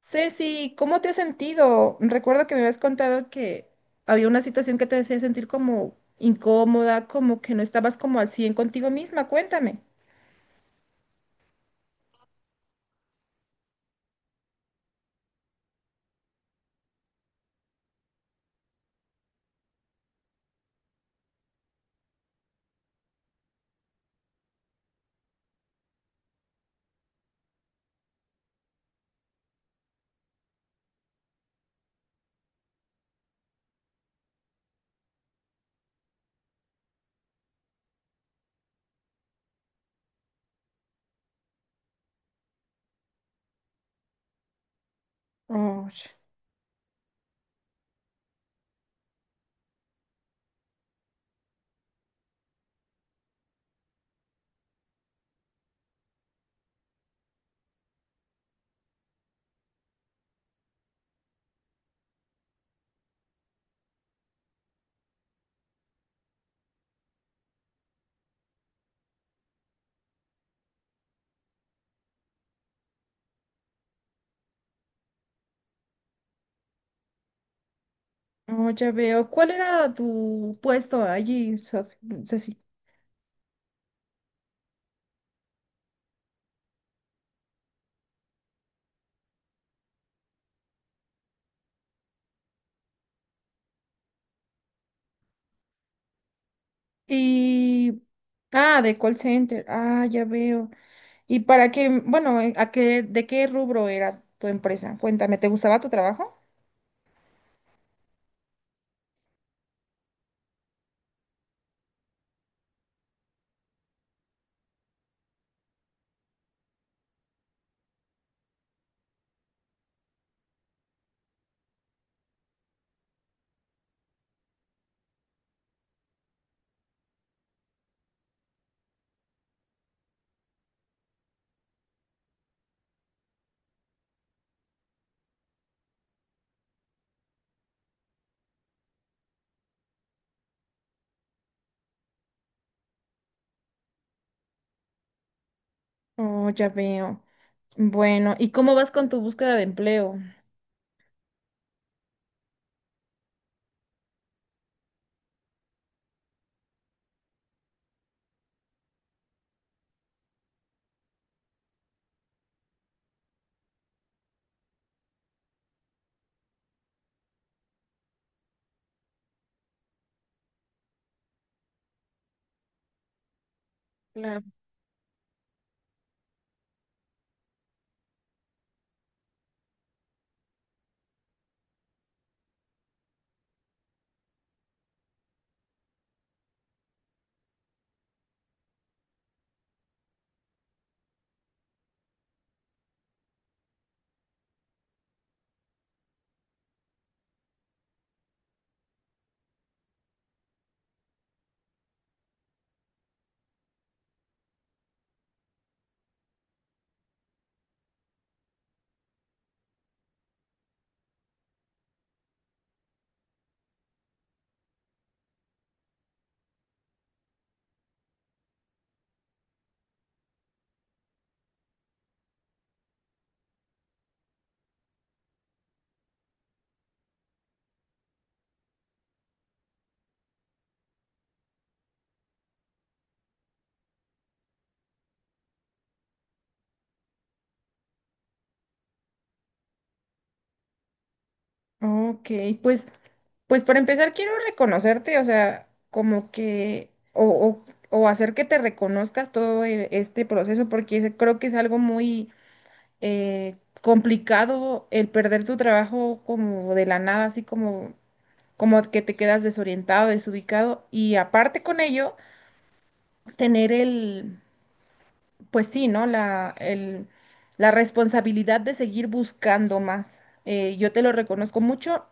Ceci, ¿cómo te has sentido? Recuerdo que me habías contado que había una situación que te hacía sentir como incómoda, como que no estabas como al 100 contigo misma. Cuéntame. Oh, oh, ya veo. ¿Cuál era tu puesto allí, Ceci? Y... Ah, de call center. Ah, ya veo. ¿Y para qué, bueno, a qué, de qué rubro era tu empresa? Cuéntame, ¿te gustaba tu trabajo? Oh, ya veo. Bueno, ¿y cómo vas con tu búsqueda de empleo? Claro. Ok, pues, pues para empezar quiero reconocerte, o sea, como que, o, o hacer que te reconozcas todo este proceso, porque ese creo que es algo muy eh, complicado el perder tu trabajo como de la nada, así como, como que te quedas desorientado, desubicado, y aparte con ello, tener el, pues sí, ¿no? La, el, la responsabilidad de seguir buscando más. Yo te lo reconozco mucho.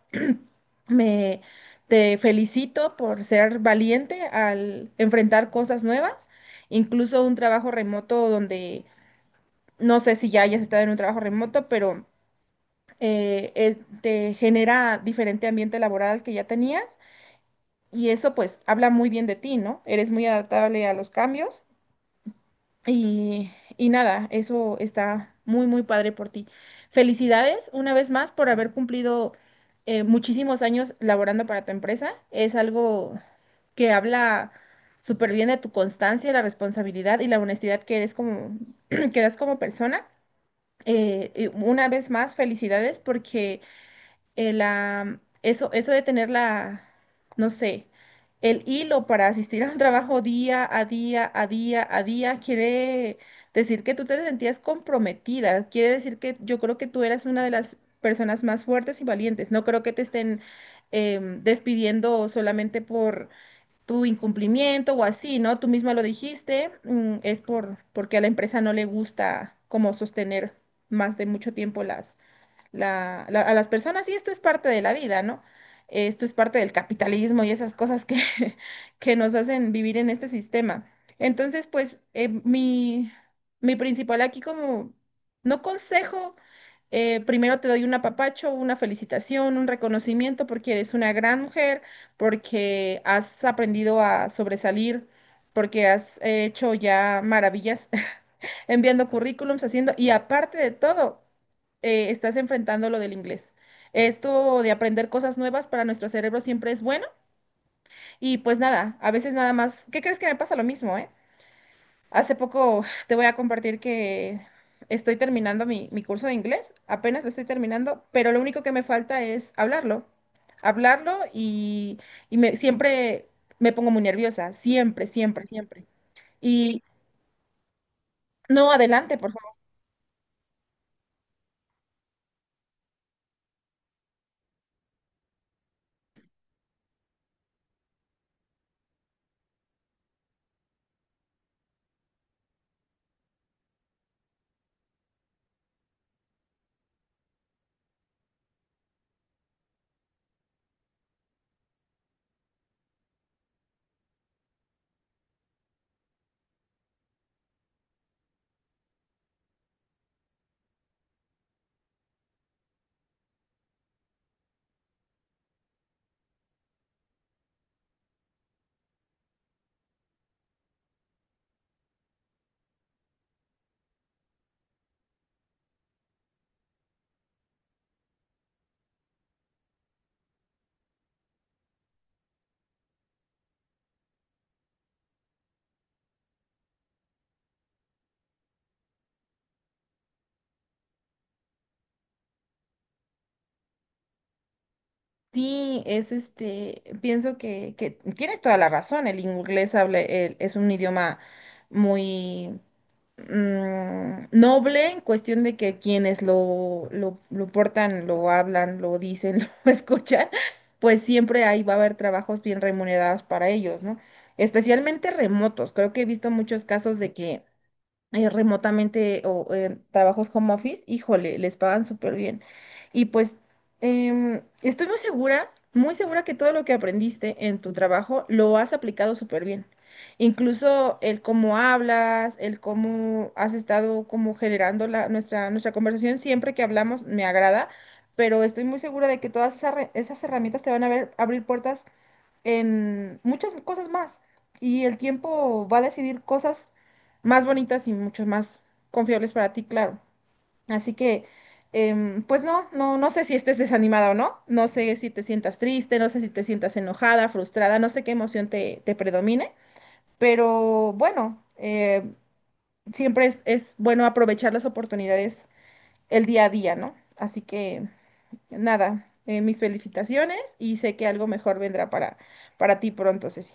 Me Te felicito por ser valiente al enfrentar cosas nuevas, incluso un trabajo remoto donde no sé si ya hayas estado en un trabajo remoto, pero te genera diferente ambiente laboral al que ya tenías y eso pues habla muy bien de ti, ¿no? Eres muy adaptable a los cambios y, y nada, eso está muy, muy padre por ti. Felicidades una vez más por haber cumplido muchísimos años laborando para tu empresa. Es algo que habla súper bien de tu constancia, la responsabilidad y la honestidad que eres como, que das como persona. Y una vez más, felicidades porque la, eso de tener la, no sé, el hilo para asistir a un trabajo día a día, a día a día, quiere decir que tú te sentías comprometida, quiere decir que yo creo que tú eras una de las personas más fuertes y valientes. No creo que te estén despidiendo solamente por tu incumplimiento o así, ¿no? Tú misma lo dijiste, es por, porque a la empresa no le gusta como sostener más de mucho tiempo las, a las personas, y esto es parte de la vida, ¿no? Esto es parte del capitalismo y esas cosas que, que nos hacen vivir en este sistema. Entonces, pues mi, mi principal aquí como, no consejo, primero te doy un apapacho, una felicitación, un reconocimiento porque eres una gran mujer, porque has aprendido a sobresalir, porque has hecho ya maravillas enviando currículums, haciendo, y aparte de todo, estás enfrentando lo del inglés. Esto de aprender cosas nuevas para nuestro cerebro siempre es bueno. Y pues nada, a veces nada más, ¿qué crees que me pasa lo mismo, eh? Hace poco te voy a compartir que estoy terminando mi, mi curso de inglés, apenas lo estoy terminando, pero lo único que me falta es hablarlo, hablarlo y me, siempre me pongo muy nerviosa, siempre, siempre, siempre. Y no, adelante, por sí, es este, pienso que tienes toda la razón, el inglés habla, es un idioma muy noble en cuestión de que quienes lo portan, lo hablan, lo dicen, lo escuchan, pues siempre ahí va a haber trabajos bien remunerados para ellos, ¿no? Especialmente remotos, creo que he visto muchos casos de que remotamente o trabajos home office, híjole, les pagan súper bien. Y pues estoy muy segura que todo lo que aprendiste en tu trabajo lo has aplicado súper bien. Incluso el cómo hablas, el cómo has estado como generando la, nuestra, nuestra conversación, siempre que hablamos me agrada, pero estoy muy segura de que todas esas, esas herramientas te van a ver, abrir puertas en muchas cosas más. Y el tiempo va a decidir cosas más bonitas y mucho más confiables para ti, claro. Así que, pues no, no, no sé si estés desanimada o no. No sé si te sientas triste, no sé si te sientas enojada, frustrada, no sé qué emoción te, te predomine. Pero bueno, siempre es bueno aprovechar las oportunidades el día a día, ¿no? Así que nada, mis felicitaciones y sé que algo mejor vendrá para ti pronto, Ceci.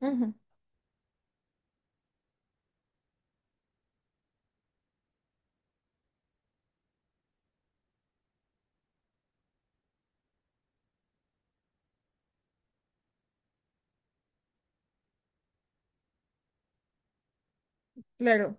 Ujú, claro,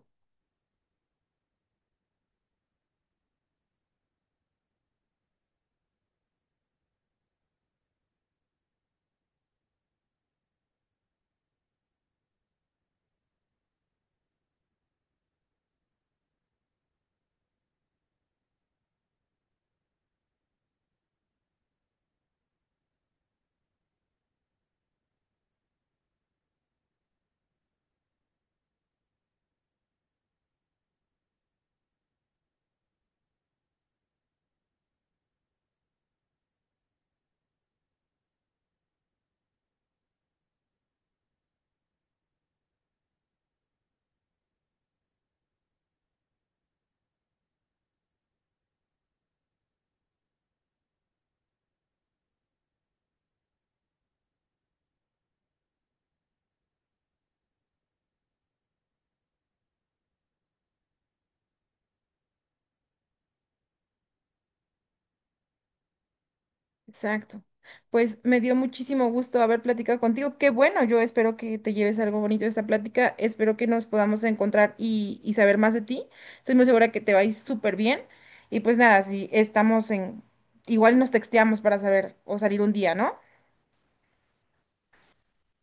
exacto. Pues me dio muchísimo gusto haber platicado contigo. Qué bueno, yo espero que te lleves algo bonito de esta plática. Espero que nos podamos encontrar y saber más de ti. Estoy muy segura que te va a ir súper bien. Y pues nada, si estamos en... Igual nos texteamos para saber o salir un día, ¿no?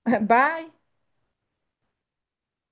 Bye.